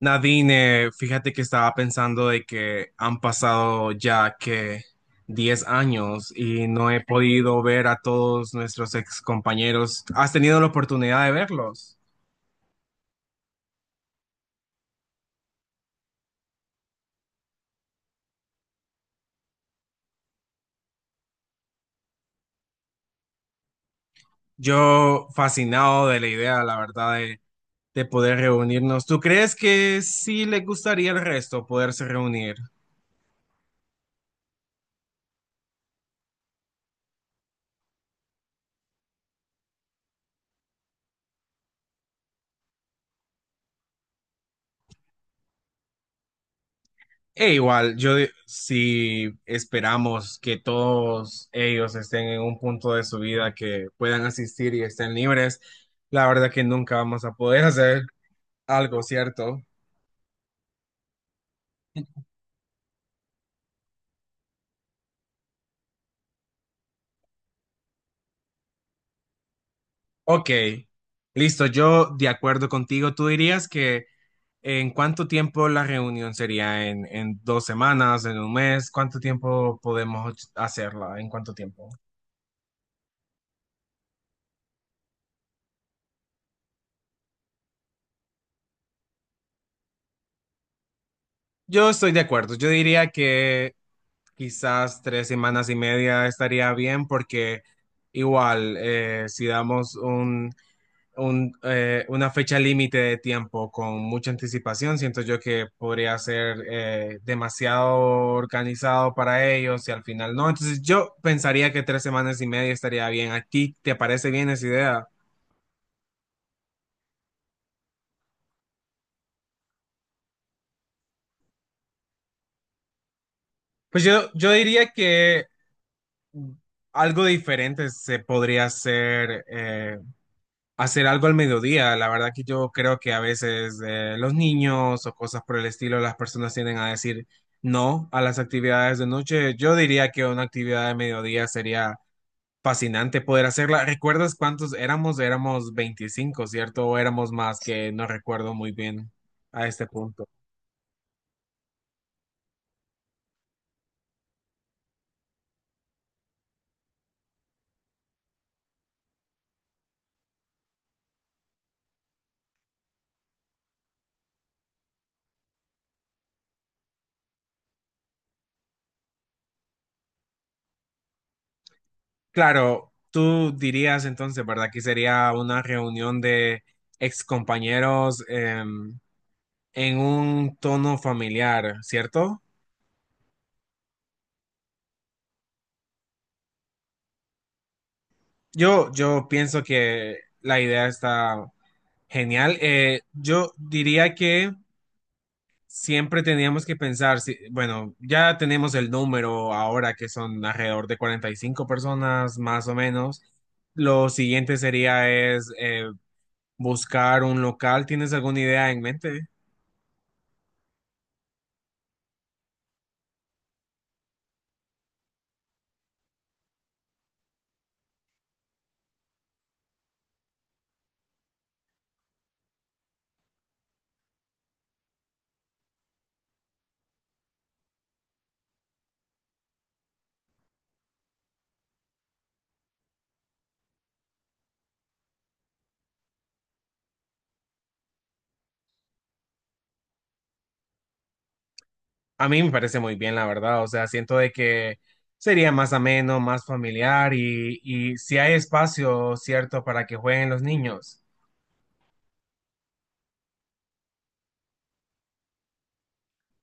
Nadine, fíjate que estaba pensando de que han pasado ya que 10 años y no he podido ver a todos nuestros ex compañeros. ¿Has tenido la oportunidad de verlos? Yo fascinado de la idea, la verdad, de poder reunirnos. ¿Tú crees que sí les gustaría al resto poderse reunir? E igual, si esperamos que todos ellos estén en un punto de su vida que puedan asistir y estén libres, la verdad que nunca vamos a poder hacer algo, ¿cierto? Ok, listo, yo de acuerdo contigo, tú dirías que en cuánto tiempo la reunión sería, en 2 semanas, en un mes, ¿cuánto tiempo podemos hacerla? ¿En cuánto tiempo? Yo estoy de acuerdo, yo diría que quizás 3 semanas y media estaría bien porque igual si damos una fecha límite de tiempo con mucha anticipación, siento yo que podría ser demasiado organizado para ellos y al final no. Entonces yo pensaría que 3 semanas y media estaría bien. ¿A ti te parece bien esa idea? Pues yo diría que algo diferente se podría hacer, hacer algo al mediodía. La verdad que yo creo que a veces los niños o cosas por el estilo, las personas tienden a decir no a las actividades de noche. Yo diría que una actividad de mediodía sería fascinante poder hacerla. ¿Recuerdas cuántos éramos? Éramos 25, ¿cierto? O éramos más, que no recuerdo muy bien a este punto. Claro, tú dirías entonces, ¿verdad? Que sería una reunión de excompañeros en un tono familiar, ¿cierto? Yo pienso que la idea está genial. Yo diría que siempre teníamos que pensar, si, bueno, ya tenemos el número ahora que son alrededor de 45 personas más o menos. Lo siguiente sería es buscar un local. ¿Tienes alguna idea en mente? A mí me parece muy bien, la verdad. O sea, siento de que sería más ameno, más familiar y si hay espacio, cierto, para que jueguen los niños.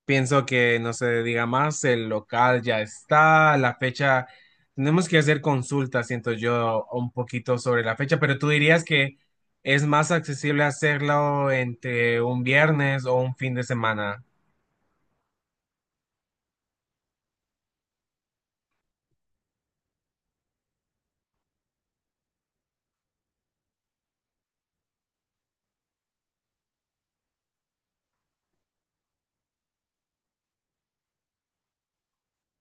Pienso que no se diga más, el local ya está, la fecha, tenemos que hacer consultas, siento yo, un poquito sobre la fecha, pero tú dirías que es más accesible hacerlo entre un viernes o un fin de semana.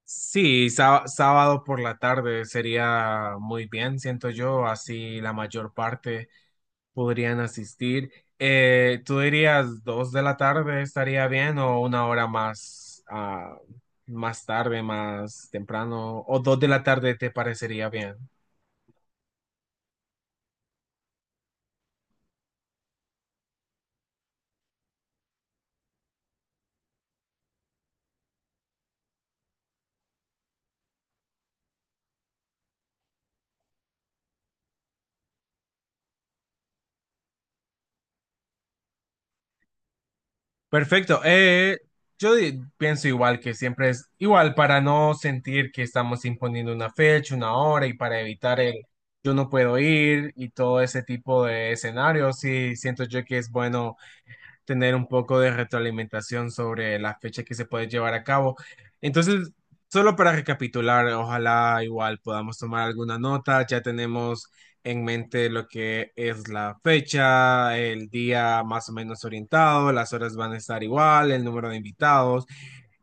Sí, sábado por la tarde sería muy bien, siento yo, así la mayor parte podrían asistir. ¿Tú dirías 2 de la tarde estaría bien o una hora más, más tarde, más temprano? ¿O 2 de la tarde te parecería bien? Perfecto. Pienso igual que siempre es igual para no sentir que estamos imponiendo una fecha, una hora y para evitar el yo no puedo ir y todo ese tipo de escenarios. Sí, siento yo que es bueno tener un poco de retroalimentación sobre la fecha que se puede llevar a cabo. Entonces, solo para recapitular, ojalá igual podamos tomar alguna nota, ya tenemos en mente lo que es la fecha, el día más o menos orientado, las horas van a estar igual, el número de invitados.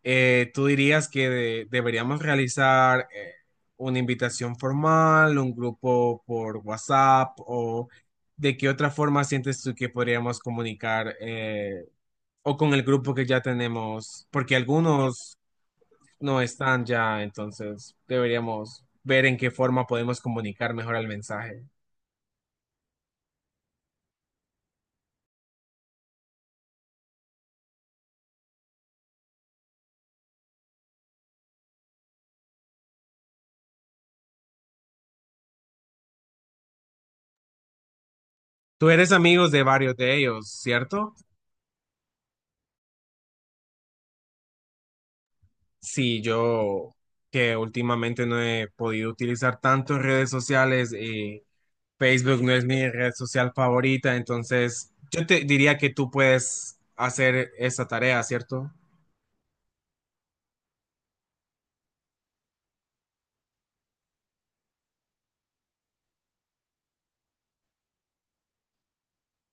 ¿Tú dirías que deberíamos realizar una invitación formal, un grupo por WhatsApp o ¿De qué otra forma sientes tú que podríamos comunicar o con el grupo que ya tenemos? Porque algunos no están ya, entonces deberíamos ver en qué forma podemos comunicar mejor el mensaje. Tú eres amigos de varios de ellos, ¿cierto? Sí, yo que últimamente no he podido utilizar tanto redes sociales y Facebook no es mi red social favorita, entonces yo te diría que tú puedes hacer esa tarea, ¿cierto?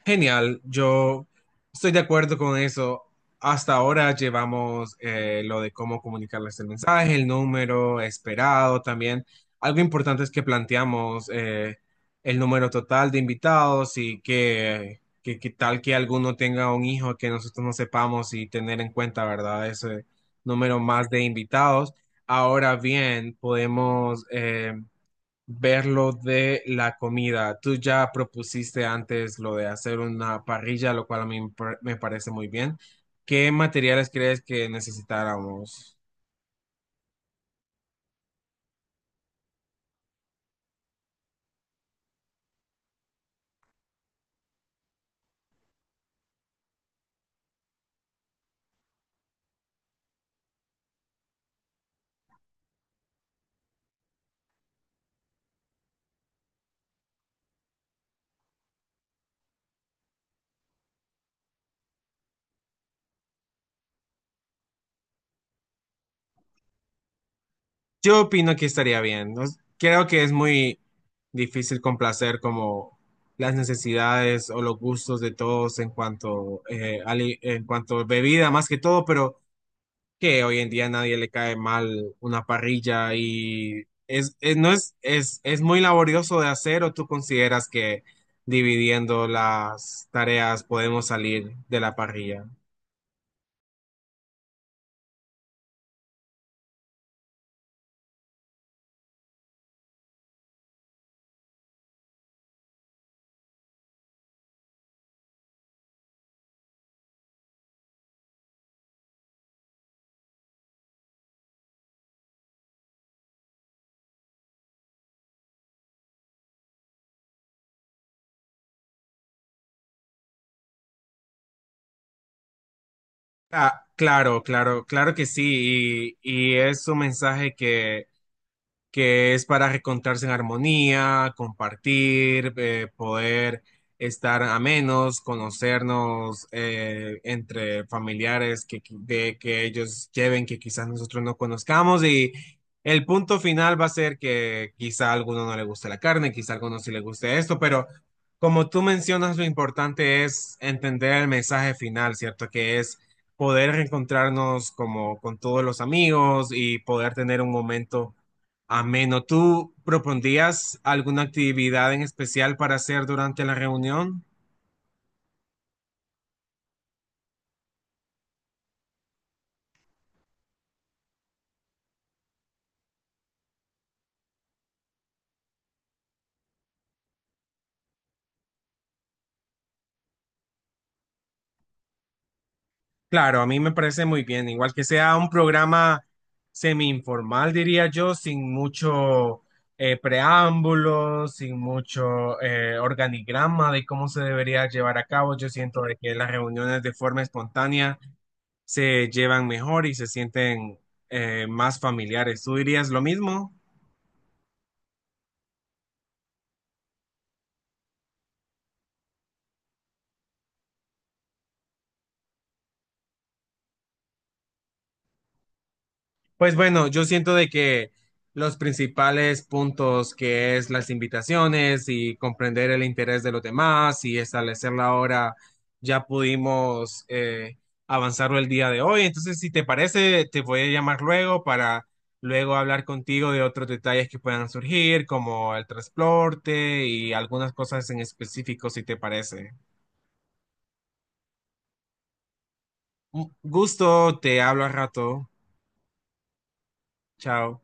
Genial, yo estoy de acuerdo con eso. Hasta ahora llevamos lo de cómo comunicarles el mensaje, el número esperado también. Algo importante es que planteamos el número total de invitados y que tal que alguno tenga un hijo que nosotros no sepamos y tener en cuenta, ¿verdad? Ese número más de invitados. Ahora bien, podemos ver lo de la comida. Tú ya propusiste antes lo de hacer una parrilla, lo cual a mí me parece muy bien. ¿Qué materiales crees que necesitáramos? Yo opino que estaría bien. No s- Creo que es muy difícil complacer como las necesidades o los gustos de todos en cuanto a bebida más que todo, pero que hoy en día a nadie le cae mal una parrilla y no es, muy laborioso de hacer, o tú consideras que dividiendo las tareas podemos salir de la parrilla. Ah, claro, claro, claro que sí, y es un mensaje que es para reencontrarse en armonía, compartir, poder estar a menos, conocernos entre familiares que ellos lleven, que quizás nosotros no conozcamos. Y el punto final va a ser que quizá a alguno no le guste la carne, quizá a alguno sí le guste esto, pero como tú mencionas, lo importante es entender el mensaje final, ¿cierto? Que es... poder reencontrarnos como con todos los amigos y poder tener un momento ameno, ¿tú propondrías alguna actividad en especial para hacer durante la reunión? Claro, a mí me parece muy bien, igual que sea un programa semi-informal, diría yo, sin mucho preámbulo, sin mucho organigrama de cómo se debería llevar a cabo. Yo siento de que las reuniones de forma espontánea se llevan mejor y se sienten más familiares. ¿Tú dirías lo mismo? Pues bueno, yo siento de que los principales puntos que es las invitaciones y comprender el interés de los demás y establecer la hora, ya pudimos avanzarlo el día de hoy. Entonces, si te parece, te voy a llamar luego para luego hablar contigo de otros detalles que puedan surgir, como el transporte y algunas cosas en específico, si te parece. Un gusto, te hablo al rato. Chao.